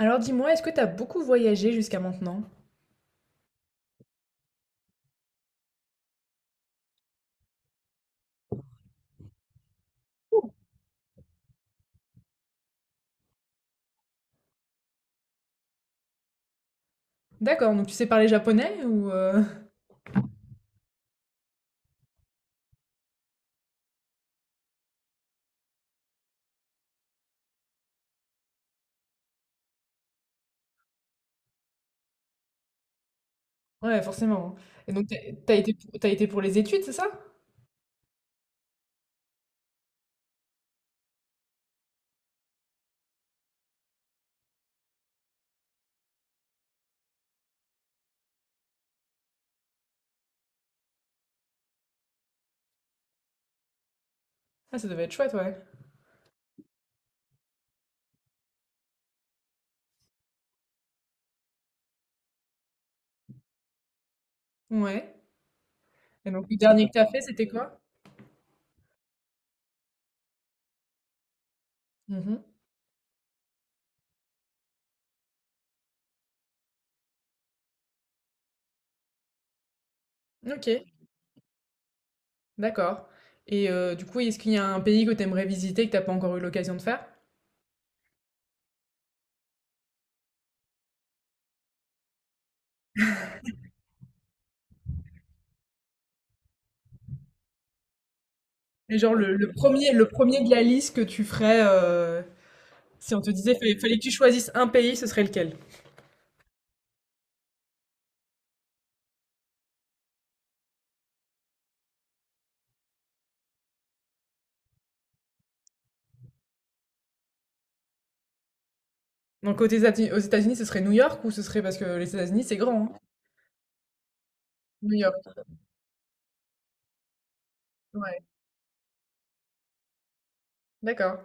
Alors dis-moi, est-ce que t'as beaucoup voyagé jusqu'à maintenant? D'accord, donc tu sais parler japonais ou Ouais, forcément. Et donc t'as été pour les études, c'est ça? Ah, ça devait être chouette, ouais. Ouais. Et donc le dernier que t'as fait, c'était quoi? Mhm. Ok, d'accord. Et du coup, est-ce qu'il y a un pays que t'aimerais visiter que t'as pas encore eu l'occasion de faire? Et genre le premier de la liste que tu ferais, si on te disait fallait que tu choisisses un pays, ce serait lequel? Donc aux États-Unis, ce serait New York ou ce serait parce que les États-Unis, c'est grand, hein? New York. Ouais. D'accord.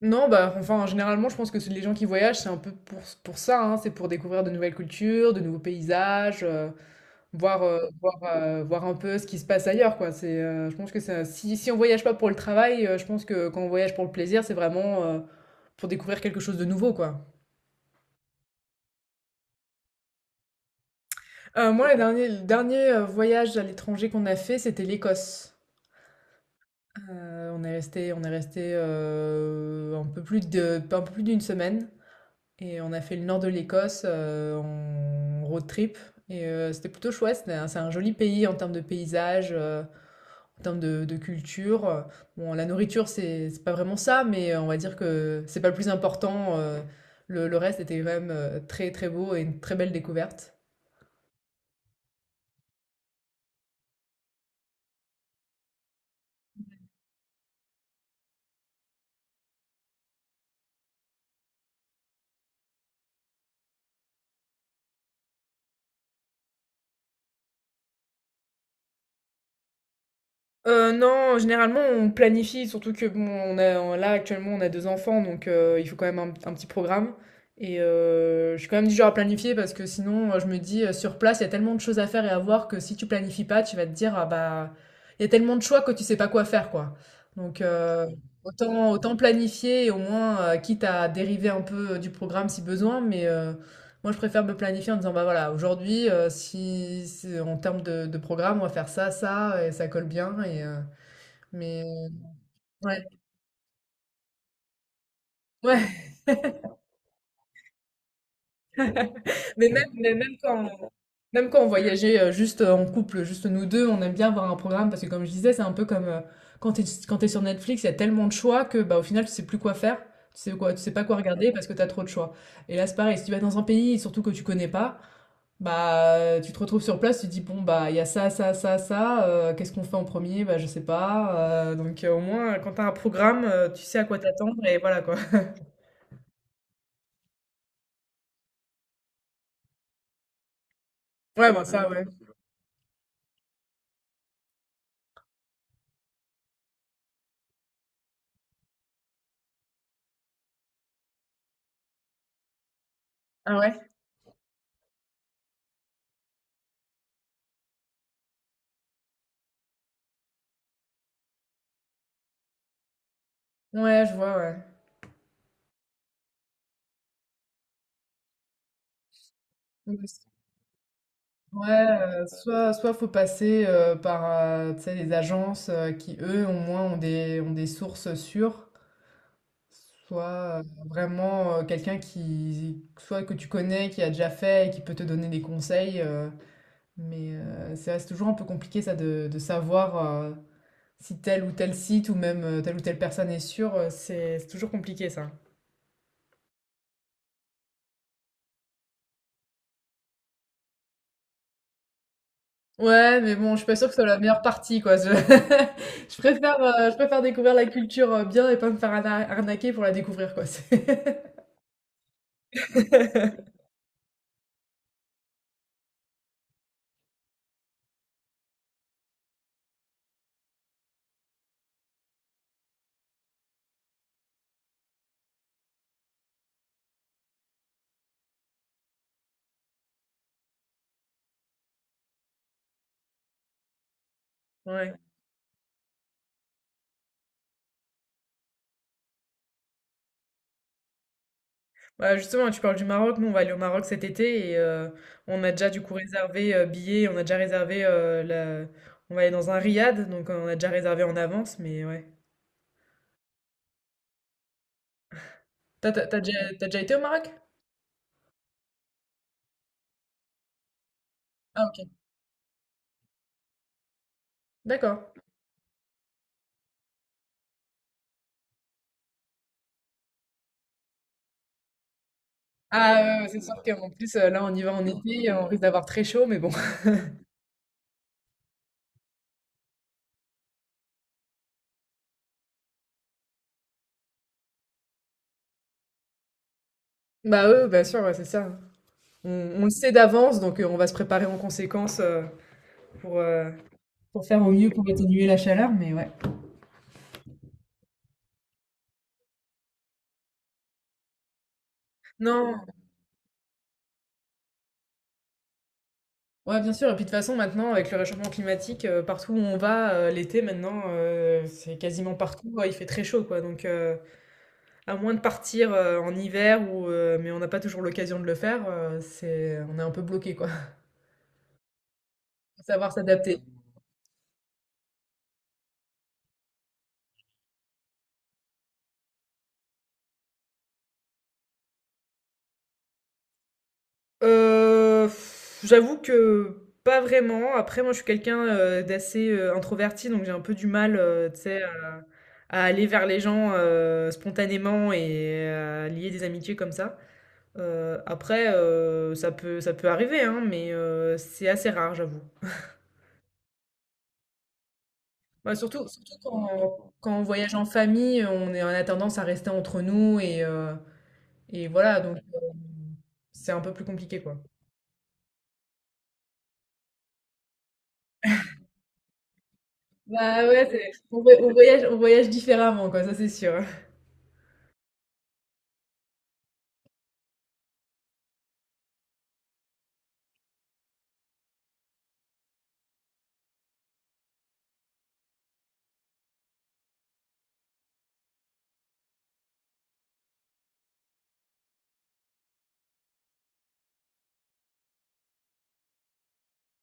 Non, bah, enfin, généralement, je pense que les gens qui voyagent, c'est un peu pour ça, hein, c'est pour découvrir de nouvelles cultures, de nouveaux paysages, voir un peu ce qui se passe ailleurs, quoi. Je pense que ça, si on voyage pas pour le travail, je pense que quand on voyage pour le plaisir, c'est vraiment pour découvrir quelque chose de nouveau, quoi. Moi, le dernier voyage à l'étranger qu'on a fait, c'était l'Écosse. On est resté un peu plus d'une semaine. Et on a fait le nord de l'Écosse en road trip. Et c'était plutôt chouette. C'est un joli pays en termes de paysage, en termes de culture. Bon, la nourriture, c'est pas vraiment ça, mais on va dire que c'est pas le plus important. Le reste était quand même très très beau et une très belle découverte. Non, généralement, on planifie surtout que bon, on là, actuellement, on a 2 enfants donc il faut quand même un petit programme et je suis quand même du genre à planifier parce que sinon, je me dis, sur place, il y a tellement de choses à faire et à voir que si tu planifies pas, tu vas te dire: «Ah bah, il y a tellement de choix que tu sais pas quoi faire, quoi». Donc autant planifier et au moins, quitte à dériver un peu, du programme si besoin mais moi, je préfère me planifier en disant, bah voilà, aujourd'hui, en termes de programme, on va faire ça, ça, et ça colle bien. Et, mais ouais, ouais. Mais même, même quand on voyageait juste en couple, juste nous deux, on aime bien avoir un programme parce que, comme je disais, c'est un peu comme quand t'es sur Netflix, il y a tellement de choix que, bah, au final, tu sais plus quoi faire. Tu sais pas quoi regarder parce que t'as trop de choix. Et là, c'est pareil. Si tu vas dans un pays, surtout que tu connais pas. Bah, tu te retrouves sur place, tu te dis, bon, bah, il y a ça, ça, ça, ça, qu'est-ce qu'on fait en premier? Bah, je sais pas. Donc, au moins, quand t'as un programme, tu sais à quoi t'attendre et voilà, quoi. Ouais, bah, ça, ouais. Ah ouais? Ouais, je vois, ouais. Donc, ouais, soit faut passer par, tu sais, les agences qui, eux, au moins, ont des sources sûres, soit vraiment quelqu'un qui, soit que tu connais, qui a déjà fait et qui peut te donner des conseils. Mais ça reste toujours un peu compliqué ça de savoir si tel ou tel site ou même telle ou telle personne est sûre, c'est toujours compliqué ça. Ouais, mais bon, je suis pas sûre que ce soit la meilleure partie quoi. Je préfère découvrir la culture bien et pas me faire arnaquer pour la découvrir quoi. Ouais. Bah justement, tu parles du Maroc. Nous, on va aller au Maroc cet été et on a déjà du coup réservé billets, on a déjà réservé la... On va aller dans un riad, donc on a déjà réservé en avance, mais ouais. T'as déjà été au Maroc? Ah OK. D'accord. Ah, c'est sûr qu'en plus, là, on y va en été, on risque d'avoir très chaud, mais bon. Bah, eux, bien sûr, ouais, c'est ça. On on le sait d'avance, donc on va se préparer en conséquence, pour, heu pour faire au mieux pour atténuer la chaleur, mais ouais. Non, ouais, bien sûr et puis de toute façon, maintenant, avec le réchauffement climatique, partout où on va, l'été maintenant, c'est quasiment partout, il fait très chaud, quoi, donc à moins de partir, en hiver ou mais on n'a pas toujours l'occasion de le faire, c'est on est un peu bloqué, quoi. Faut savoir s'adapter. Heu, J'avoue que pas vraiment. Après moi, je suis quelqu'un, d'assez, introverti, donc j'ai un peu du mal, tu sais, à aller vers les gens, spontanément et à lier des amitiés comme ça. Après, ça peut arriver, hein, mais c'est assez rare, j'avoue. Bah, surtout quand on voyage en famille, on a tendance à rester entre nous et et voilà, donc c'est un peu plus compliqué, quoi. Bah ouais, c'est on voy- on voyage différemment, quoi, ça c'est sûr.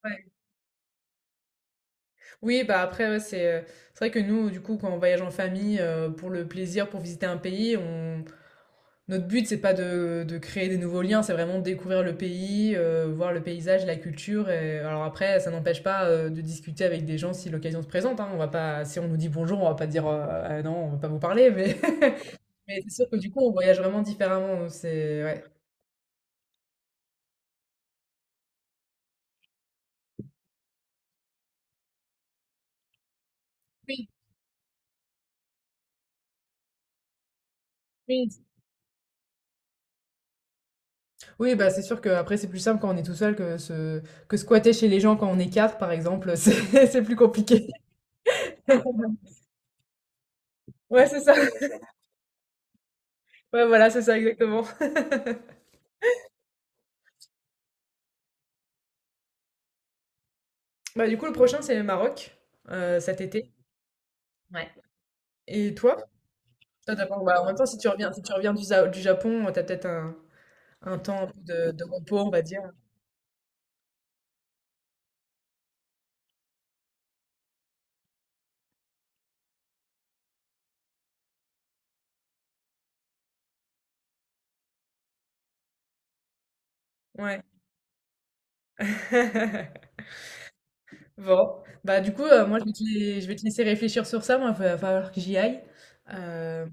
Ouais. Oui, bah après, ouais, c'est vrai que nous, du coup, quand on voyage en famille, pour le plaisir, pour visiter un pays, on... Notre but, c'est pas de créer des nouveaux liens, c'est vraiment de découvrir le pays, voir le paysage, la culture. Et... Alors après, ça n'empêche pas de discuter avec des gens si l'occasion se présente. Hein. On va pas... Si on nous dit bonjour, on va pas dire Ah non, on va pas vous parler, mais, mais c'est sûr que du coup, on voyage vraiment différemment. C'est... Ouais. Oui, oui, oui, bah, c'est sûr qu'après, c'est plus simple quand on est tout seul que se que squatter chez les gens quand on est 4 par exemple, c'est plus compliqué. Ouais, c'est ça. Ouais, voilà, c'est ça, exactement. Bah, du coup, le prochain, c'est le Maroc, cet été. Et toi? Toi, tu pas bah, en même temps, si tu reviens du Japon, t'as peut-être un temps de repos, on va dire. Ouais. Bon, bah, du coup, moi, je vais te laisser réfléchir sur ça. Moi, il va falloir que j'y aille. Hem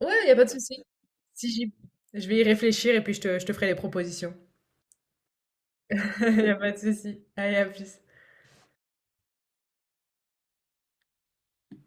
Ouais, il y a pas de souci. Si j'y Je vais y réfléchir et puis je te ferai les propositions. Il y a pas de souci. Allez, à plus.